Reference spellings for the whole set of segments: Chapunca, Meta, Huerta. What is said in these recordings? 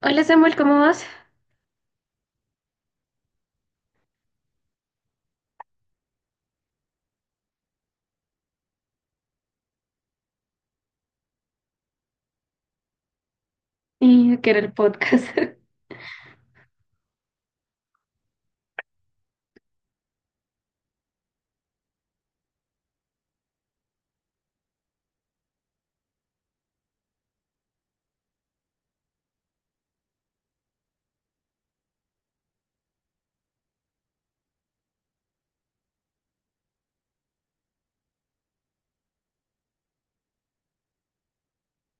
Hola Samuel, ¿cómo vas? Y que era el podcast.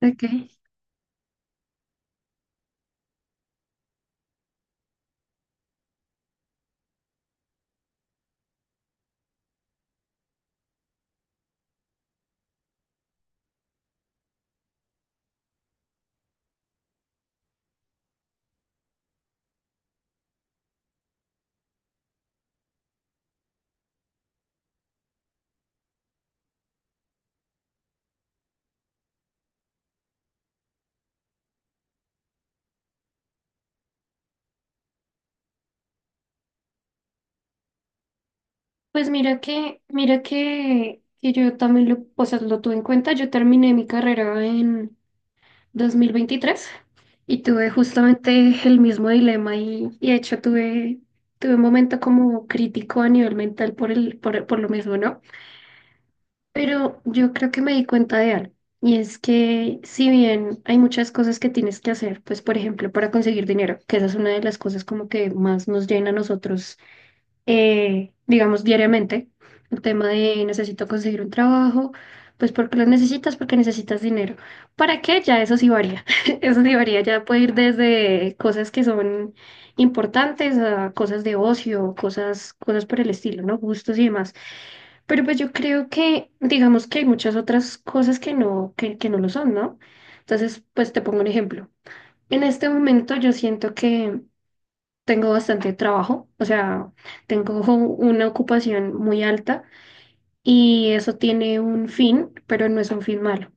Ok. Pues mira que, mira que yo también lo, o sea, lo tuve en cuenta. Yo terminé mi carrera en 2023 y tuve justamente el mismo dilema y de hecho tuve un momento como crítico a nivel mental por lo mismo, ¿no? Pero yo creo que me di cuenta de algo, y es que si bien hay muchas cosas que tienes que hacer, pues por ejemplo para conseguir dinero, que esa es una de las cosas como que más nos llena a nosotros, digamos diariamente, el tema de necesito conseguir un trabajo, pues porque lo necesitas, porque necesitas dinero. ¿Para qué? Ya eso sí varía, eso sí varía, ya puede ir desde cosas que son importantes a cosas de ocio, cosas por el estilo, ¿no? Gustos y demás. Pero pues yo creo que, digamos que hay muchas otras cosas que no, que no lo son, ¿no? Entonces, pues te pongo un ejemplo. En este momento yo siento que tengo bastante trabajo, o sea, tengo una ocupación muy alta y eso tiene un fin, pero no es un fin malo.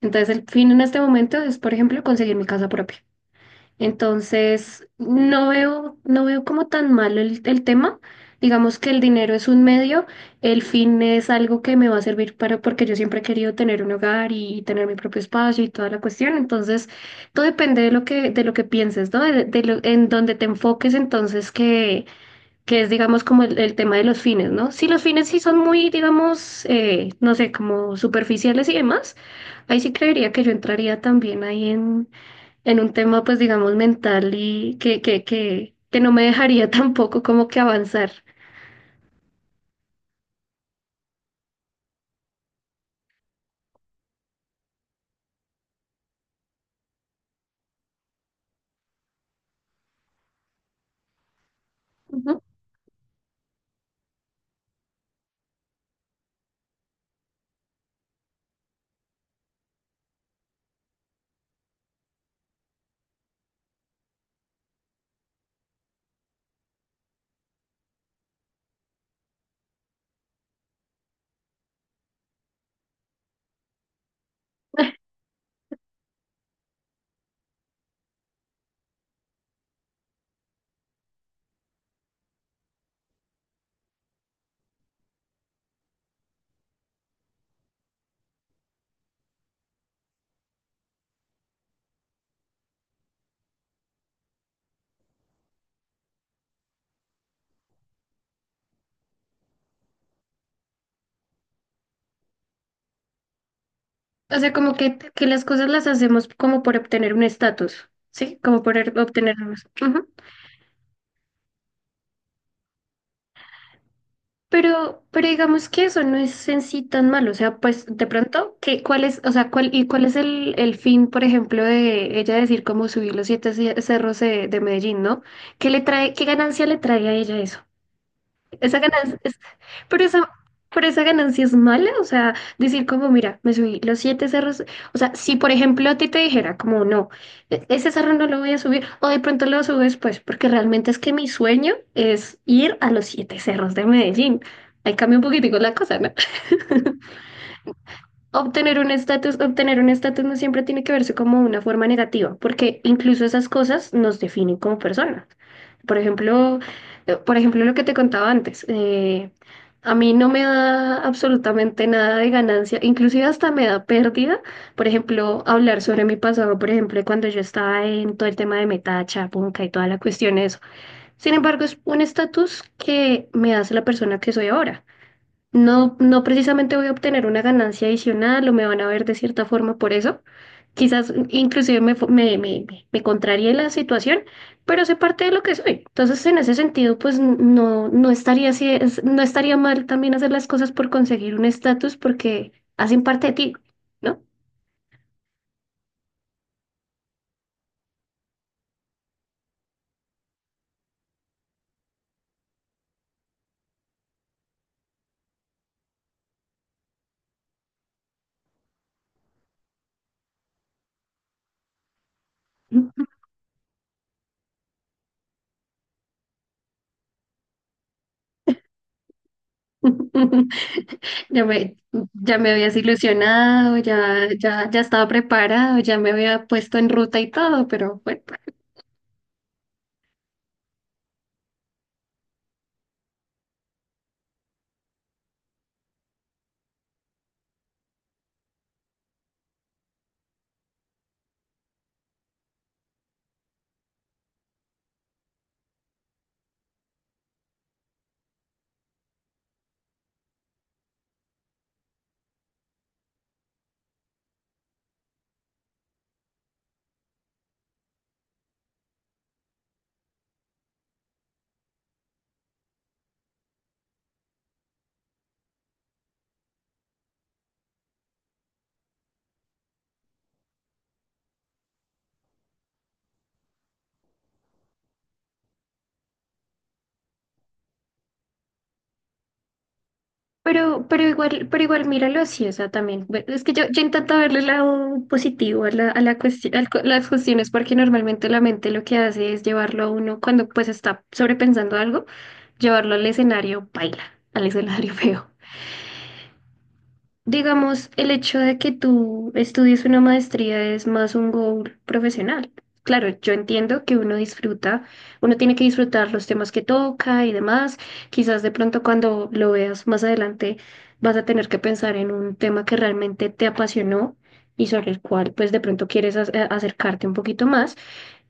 Entonces, el fin en este momento es, por ejemplo, conseguir mi casa propia. Entonces, no veo como tan malo el tema. Digamos que el dinero es un medio, el fin es algo que me va a servir para, porque yo siempre he querido tener un hogar y tener mi propio espacio y toda la cuestión. Entonces, todo depende de lo que pienses, ¿no? En donde te enfoques, entonces, que es, digamos, como el tema de los fines, ¿no? Si los fines sí son muy, digamos, no sé, como superficiales y demás, ahí sí creería que yo entraría también ahí en un tema, pues digamos, mental y que no me dejaría tampoco como que avanzar. Ujú. O sea, que las cosas las hacemos como por obtener un estatus, ¿sí? Como por er- obtener unos- ujú. Pero digamos que eso no es en sí tan malo. O sea, pues de pronto, ¿qué, cuál es, o sea, cuál, y cuál es el fin, por ejemplo, de ella decir cómo subir los siete ce- cerros de Medellín, ¿no? ¿Qué le trae, qué ganancia le trae a ella eso? Esa ganancia es- pero esa, pero esa ganancia es mala, o sea, decir como, mira, me subí los siete cerros, o sea, si por ejemplo a ti te dijera como, no, e- ese cerro no lo voy a subir, o de pronto lo subo después, porque realmente es que mi sueño es ir a los siete cerros de Medellín. Ahí cambia un poquitico la cosa, ¿no? Obtener un estatus no siempre tiene que verse como una forma negativa, porque incluso esas cosas nos definen como personas. Por ejemplo, lo que te contaba antes, a mí no me da absolutamente nada de ganancia, inclusive hasta me da pérdida. Por ejemplo, hablar sobre mi pasado, por ejemplo, cuando yo estaba en todo el tema de Meta, Chapunca y toda la cuestión de eso. Sin embargo, es un estatus que me hace la persona que soy ahora. No, no precisamente voy a obtener una ganancia adicional o me van a ver de cierta forma por eso. Quizás inclusive me, fu- me contraríe la situación, pero sé parte de lo que soy. Entonces, en ese sentido, pues n- no, no estaría así, es- no estaría mal también hacer las cosas por conseguir un estatus porque hacen parte de ti, ¿no? Ya me, ya me habías ilusionado, ya estaba preparado, ya me había puesto en ruta y todo, pero bueno. Pero igual míralo así, o sea, también. Bueno, es que yo intento verle el lado positivo a la cuestión, las cuestiones, porque normalmente la mente lo que hace es llevarlo a uno, cuando pues está sobrepensando algo, llevarlo al escenario baila, al escenario feo. Digamos, el hecho de que tú estudies una maestría es más un goal profesional. Claro, yo entiendo que uno disfruta, uno tiene que disfrutar los temas que toca y demás. Quizás de pronto cuando lo veas más adelante vas a tener que pensar en un tema que realmente te apasionó y sobre el cual pues de pronto quieres ac- a- acercarte un poquito más.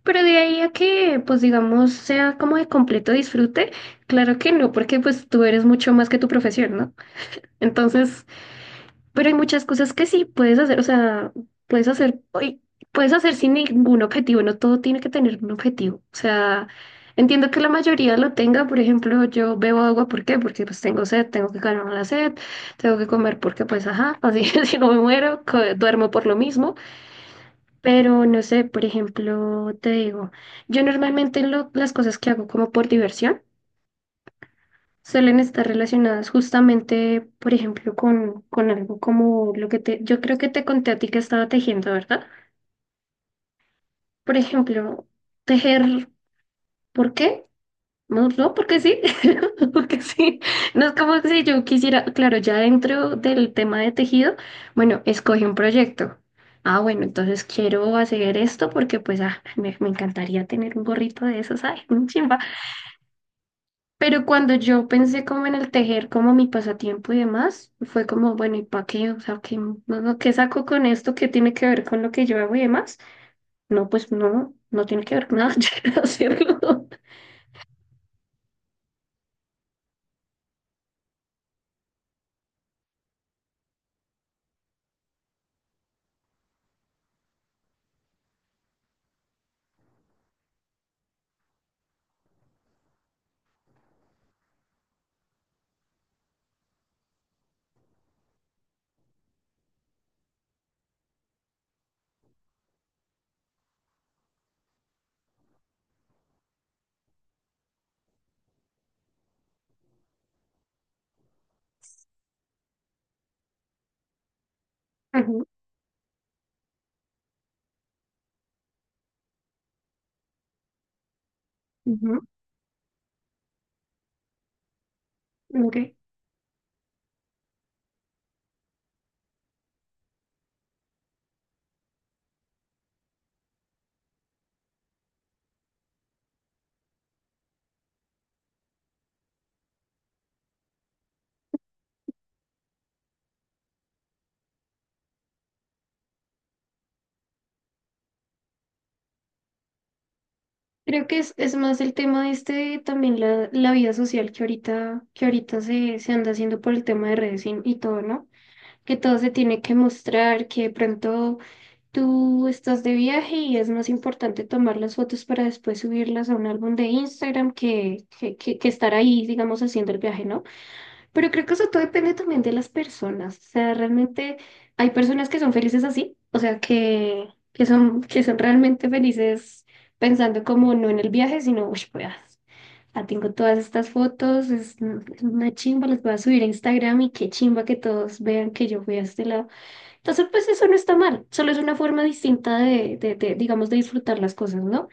Pero de ahí a que pues digamos sea como de completo disfrute, claro que no, porque pues tú eres mucho más que tu profesión, ¿no? Entonces, pero hay muchas cosas que sí puedes hacer, o sea, puedes hacer, uy, puedes hacer sin ningún objetivo, no todo tiene que tener un objetivo. O sea, entiendo que la mayoría lo tenga, por ejemplo, yo bebo agua, ¿por qué? Porque pues tengo sed, tengo que calmar la sed, tengo que comer porque pues ajá, así si no me muero, co- duermo por lo mismo. Pero no sé, por ejemplo, te digo, yo normalmente lo- las cosas que hago como por diversión suelen estar relacionadas justamente, por ejemplo, con algo como lo que te, yo creo que te conté a ti que estaba tejiendo, ¿verdad? Por ejemplo, tejer, ¿por qué? No, no, porque sí, porque sí. No es como si yo quisiera, claro, ya dentro del tema de tejido, bueno, escoge un proyecto. Ah, bueno, entonces quiero hacer esto porque pues ah, me encantaría tener un gorrito de esos, ay, un chimba. Pero cuando yo pensé como en el tejer como mi pasatiempo y demás, fue como, bueno, ¿y para qué? O sea, ¿qué, no, no, ¿qué saco con esto? ¿Qué tiene que ver con lo que yo hago y demás? No, pues no, no tiene que ver con nada, yo quiero hacerlo. Ujú, ok. Creo que es más el tema este, de también la vida social que ahorita se, se anda haciendo por el tema de redes y todo, ¿no? Que todo se tiene que mostrar, que de pronto tú estás de viaje y es más importante tomar las fotos para después subirlas a un álbum de Instagram que estar ahí, digamos, haciendo el viaje, ¿no? Pero creo que eso todo depende también de las personas. O sea, realmente hay personas que son felices así, o sea, que, que son realmente felices pensando como no en el viaje, sino, uy, pues, ah, ah, tengo todas estas fotos, es una chimba, las voy a subir a Instagram y qué chimba que todos vean que yo fui a este lado. Entonces, pues eso no está mal, solo es una forma distinta de, digamos, de disfrutar las cosas, ¿no?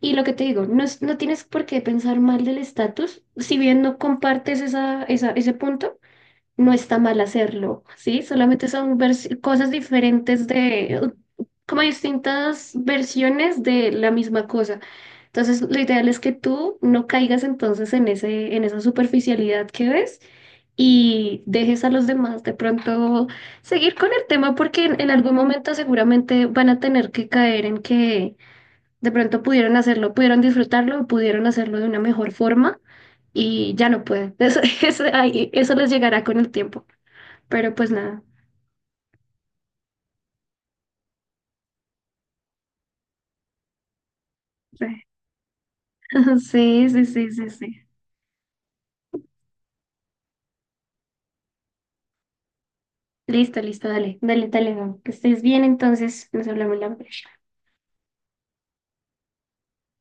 Y lo que te digo, no, es- no tienes por qué pensar mal del estatus, si bien no compartes ese punto, no está mal hacerlo, ¿sí? Solamente son vers- cosas diferentes de, como distintas versiones de la misma cosa. Entonces, lo ideal es que tú no caigas entonces en ese, en esa superficialidad que ves y dejes a los demás de pronto seguir con el tema porque en algún momento seguramente van a tener que caer en que de pronto pudieron hacerlo, pudieron disfrutarlo, pudieron hacerlo de una mejor forma y ya no pueden. Eso, eso, ahí- eso les llegará con el tiempo. Pero pues nada. Sí, sí, sí, sí, sí. Listo, listo, dale, Gabo. Que estés bien, entonces nos hablamos la próxima.